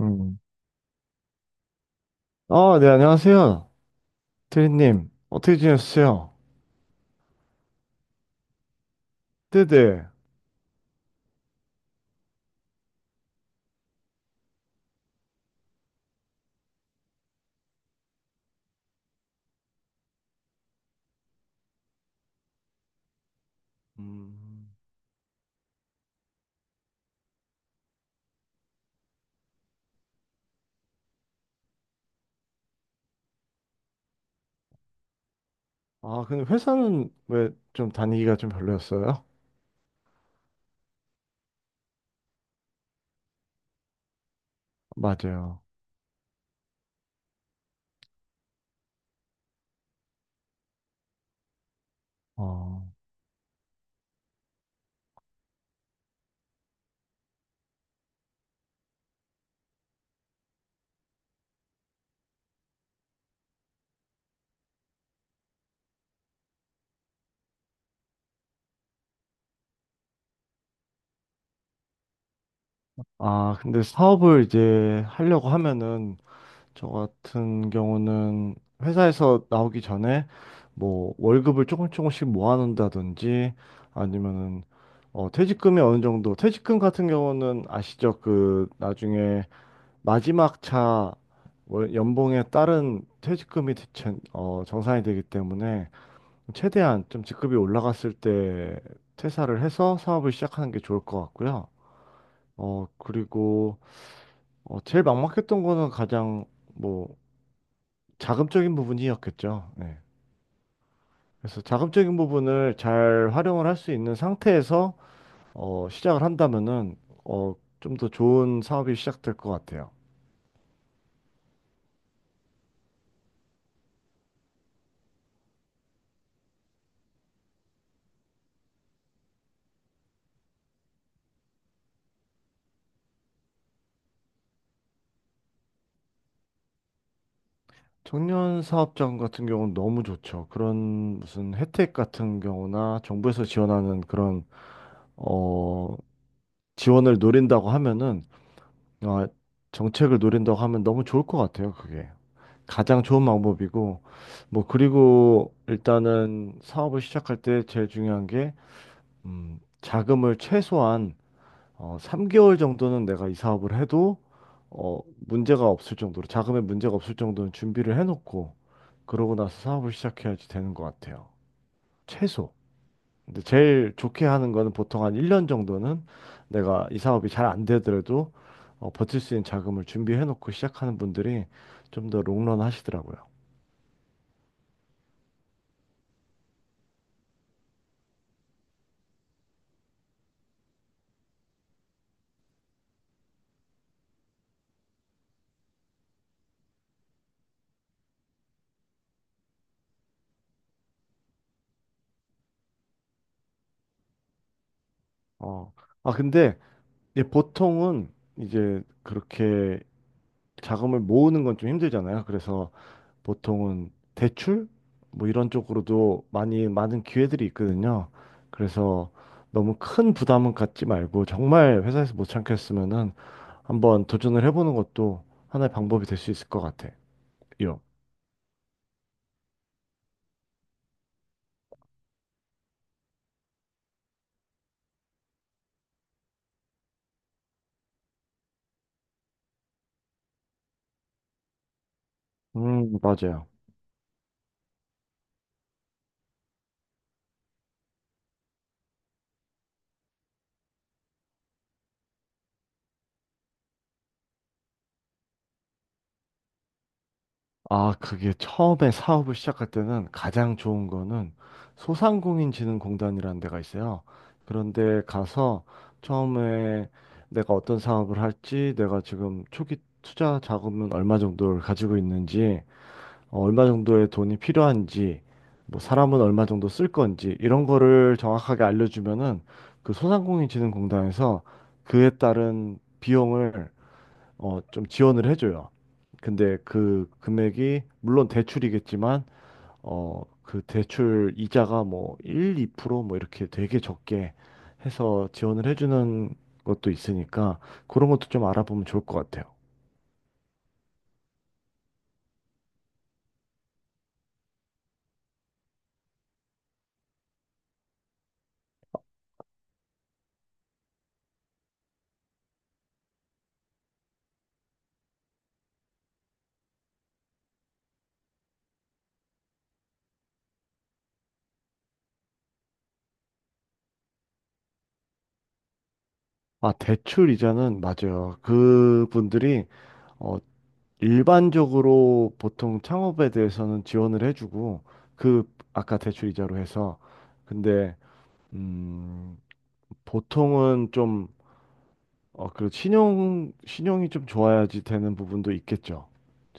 음. 아, 네, 안녕하세요. 트리님, 어떻게 지내셨어요? 네네. 음. 아, 근데 회사는 왜 좀 다니기가 좀 별로였어요? 맞아요. 어. 아, 근데 사업을 이제 하려고 하면은, 저 같은 경우는 회사에서 나오기 전에 뭐 월급을 조금 조금씩 모아놓는다든지 아니면은 어, 퇴직금이 어느 정도, 퇴직금 같은 경우는 아시죠? 그 나중에 마지막 차 연봉에 따른 퇴직금이 대체 어, 정산이 되기 때문에 최대한 좀 직급이 올라갔을 때 퇴사를 해서 사업을 시작하는 게 좋을 것 같고요. 어, 그리고 어, 제일 막막했던 거는 가장 뭐 자금적인 부분이었겠죠. 네. 그래서 자금적인 부분을 잘 활용을 할 수 있는 상태에서 어, 시작을 한다면은 어, 좀 더 좋은 사업이 시작될 것 같아요. 청년 사업장 같은 경우는 너무 좋죠. 그런 무슨 혜택 같은 경우나 정부에서 지원하는 그런 어, 지원을 노린다고 하면은, 아, 정책을 노린다고 하면 너무 좋을 것 같아요. 그게 가장 좋은 방법이고 뭐 그리고 일단은 사업을 시작할 때 제일 중요한 게 자금을 최소한 어, 3개월 정도는 내가 이 사업을 해도 어, 문제가 없을 정도로 자금에 문제가 없을 정도는 준비를 해놓고 그러고 나서 사업을 시작해야지 되는 것 같아요. 최소. 근데 제일 좋게 하는 거는 보통 한 1년 정도는 내가 이 사업이 잘 안 되더라도 어, 버틸 수 있는 자금을 준비해놓고 시작하는 분들이 좀 더 롱런 하시더라고요. 어. 아, 근데 이제 보통은 이제 그렇게 자금을 모으는 건 좀 힘들잖아요. 그래서 보통은 대출? 뭐 이런 쪽으로도 많이 많은 기회들이 있거든요. 그래서 너무 큰 부담은 갖지 말고 정말 회사에서 못 참겠으면은 한번 도전을 해보는 것도 하나의 방법이 될 수 있을 것 같아요. 맞아요. 아, 그게 처음에 사업을 시작할 때는 가장 좋은 거는 소상공인진흥공단이라는 데가 있어요. 그런데 가서 처음에 내가 어떤 사업을 할지, 내가 지금 초기 투자 자금은 얼마 정도를 가지고 있는지, 어, 얼마 정도의 돈이 필요한지, 뭐 사람은 얼마 정도 쓸 건지 이런 거를 정확하게 알려주면은 그 소상공인진흥공단에서 그에 따른 비용을 어, 좀 지원을 해줘요. 근데 그 금액이 물론 대출이겠지만 어, 그 대출 이자가 뭐 1, 2% 뭐 이렇게 되게 적게 해서 지원을 해주는 것도 있으니까 그런 것도 좀 알아보면 좋을 것 같아요. 아, 대출 이자는 맞아요. 그분들이 어, 일반적으로 보통 창업에 대해서는 지원을 해주고 그 아까 대출 이자로 해서. 근데 음, 보통은 좀 어, 그리고 신용이 좀 좋아야지 되는 부분도 있겠죠.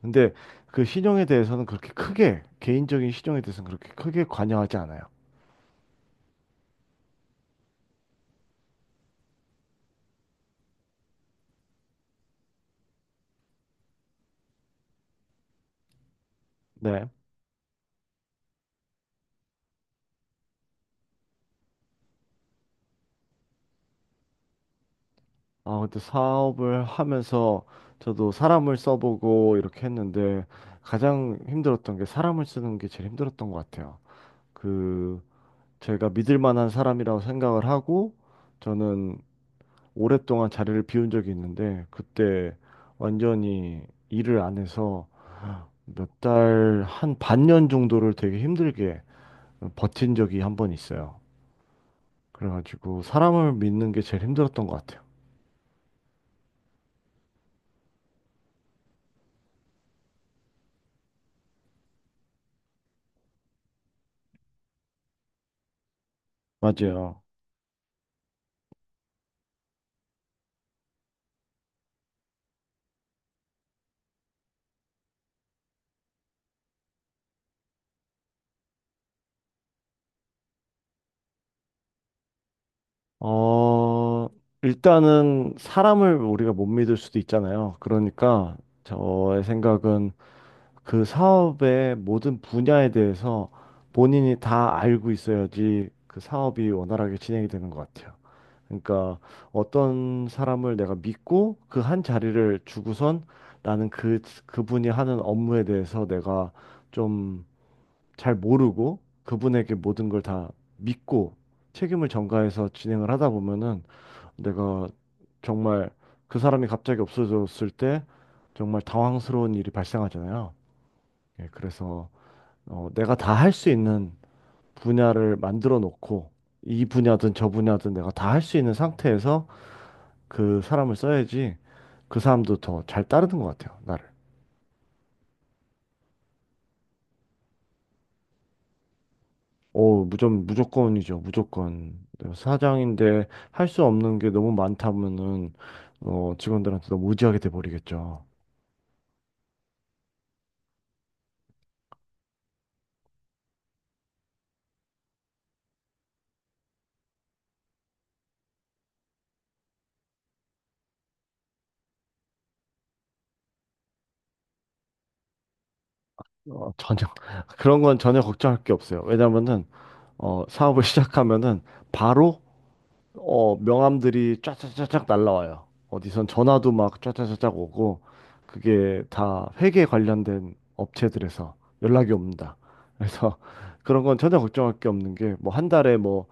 근데 그 신용에 대해서는 그렇게 크게, 개인적인 신용에 대해서는 그렇게 크게 관여하지 않아요. 네. 아, 근데 사업을 하면서 저도 사람을 써보고 이렇게 했는데 가장 힘들었던 게 사람을 쓰는 게 제일 힘들었던 것 같아요. 그, 제가 믿을 만한 사람이라고 생각을 하고 저는 오랫동안 자리를 비운 적이 있는데 그때 완전히 일을 안 해서 몇 달, 한 반년 정도를 되게 힘들게 버틴 적이 한 번 있어요. 그래가지고 사람을 믿는 게 제일 힘들었던 것 같아요. 맞아요. 어, 일단은 사람을 우리가 못 믿을 수도 있잖아요. 그러니까 저의 생각은 그 사업의 모든 분야에 대해서 본인이 다 알고 있어야지 그 사업이 원활하게 진행이 되는 것 같아요. 그러니까 어떤 사람을 내가 믿고 그 한 자리를 주고선 나는 그, 그분이 하는 업무에 대해서 내가 좀 잘 모르고 그분에게 모든 걸 다 믿고 책임을 전가해서 진행을 하다 보면은 내가 정말 그 사람이 갑자기 없어졌을 때 정말 당황스러운 일이 발생하잖아요. 예, 그래서 어, 내가 다 할 수 있는 분야를 만들어 놓고 이 분야든 저 분야든 내가 다 할 수 있는 상태에서 그 사람을 써야지 그 사람도 더 잘 따르는 것 같아요, 나를. 오, 무조건, 무조건이죠, 무조건. 사장인데 할 수 없는 게 너무 많다면은, 어, 직원들한테 너무 의지하게 돼버리겠죠. 어, 전혀, 그런 건 전혀 걱정할 게 없어요. 왜냐면은, 어, 사업을 시작하면은 바로 어, 명함들이 쫙쫙쫙쫙 날라와요. 어디선 전화도 막 쫙쫙쫙쫙 오고, 그게 다 회계 관련된 업체들에서 연락이 옵니다. 그래서 그런 건 전혀 걱정할 게 없는 게, 뭐 한 달에 뭐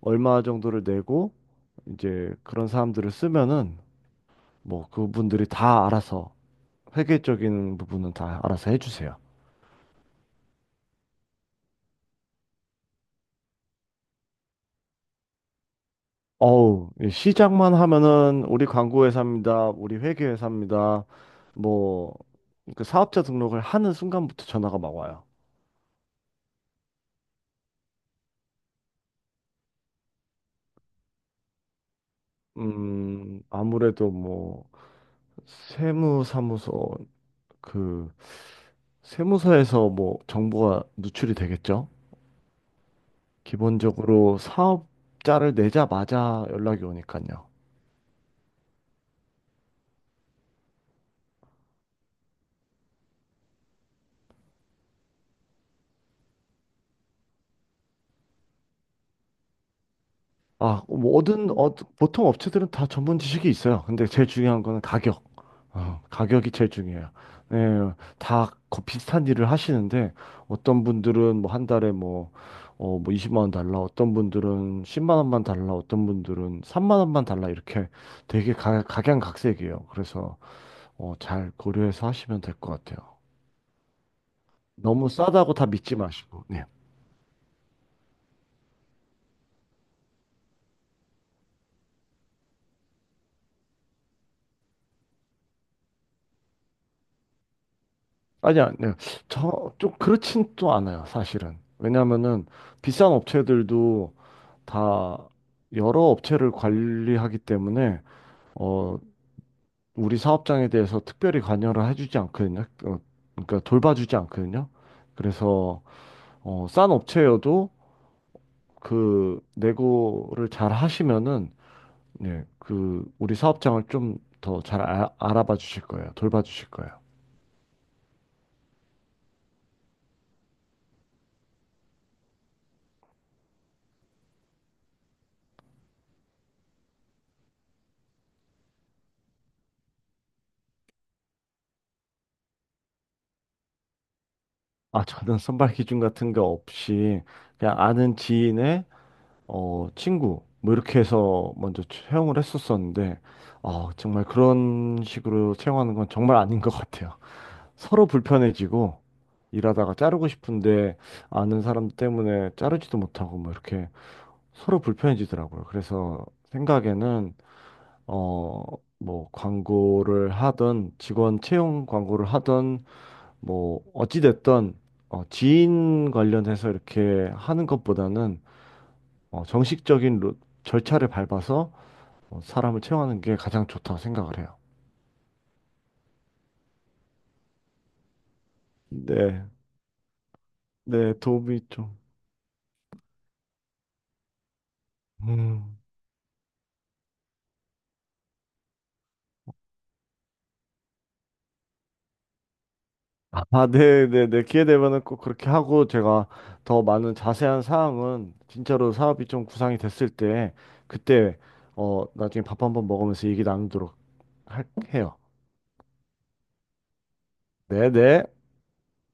얼마 정도를 내고, 이제 그런 사람들을 쓰면은, 뭐 그분들이 다 알아서, 회계적인 부분은 다 알아서 해주세요. 어우, 이 시작만 하면은 우리 광고회사입니다. 우리 회계회사입니다. 뭐, 그 사업자 등록을 하는 순간부터 전화가 막 와요. 아무래도 뭐, 세무사무소, 그, 세무서에서 뭐, 정보가 누출이 되겠죠? 기본적으로 사업자를 내자마자 연락이 오니까요. 아, 모든 어, 보통 업체들은 다 전문 지식이 있어요. 근데 제일 중요한 거는 가격. 어, 가격이 제일 중요해요. 네, 다 비슷한 일을 하시는데 어떤 분들은 뭐 한 달에 뭐, 어, 뭐 20만 원 달라, 어떤 분들은 10만 원만 달라, 어떤 분들은 3만 원만 달라 이렇게 되게 각양각색이에요. 그래서 어, 잘 고려해서 하시면 될 것 같아요. 너무 싸다고 다 믿지 마시고. 네. 아니, 아니요. 저, 좀 그렇진 또 않아요, 사실은. 왜냐면은 비싼 업체들도 다 여러 업체를 관리하기 때문에, 어, 우리 사업장에 대해서 특별히 관여를 해주지 않거든요. 어, 그러니까 돌봐주지 않거든요. 그래서, 어, 싼 업체여도 그 내고를 잘 하시면은, 예, 그 우리 사업장을 좀 더 잘 알아봐 주실 거예요. 돌봐 주실 거예요. 아, 저는 선발 기준 같은 게 없이 그냥 아는 지인의 어, 친구 뭐 이렇게 해서 먼저 채용을 했었었는데 어, 정말 그런 식으로 채용하는 건 정말 아닌 것 같아요. 서로 불편해지고 일하다가 자르고 싶은데 아는 사람 때문에 자르지도 못하고 뭐 이렇게 서로 불편해지더라고요. 그래서 생각에는 어, 뭐 광고를 하던 직원 채용 광고를 하던 뭐 어찌됐든 어, 지인 관련해서 이렇게 하는 것보다는 어, 정식적인 절차를 밟아서 어, 사람을 채용하는 게 가장 좋다 생각을 해요. 네, 네, 도움이 좀. 음. 아, 네, 네, 네. 기회 되면은 꼭 그렇게 하고 제가 더 많은 자세한 사항은 진짜로 사업이 좀 구상이 됐을 때 그때 어, 나중에 밥 한번 먹으면서 얘기 나누도록 할, 해요. 네, 네.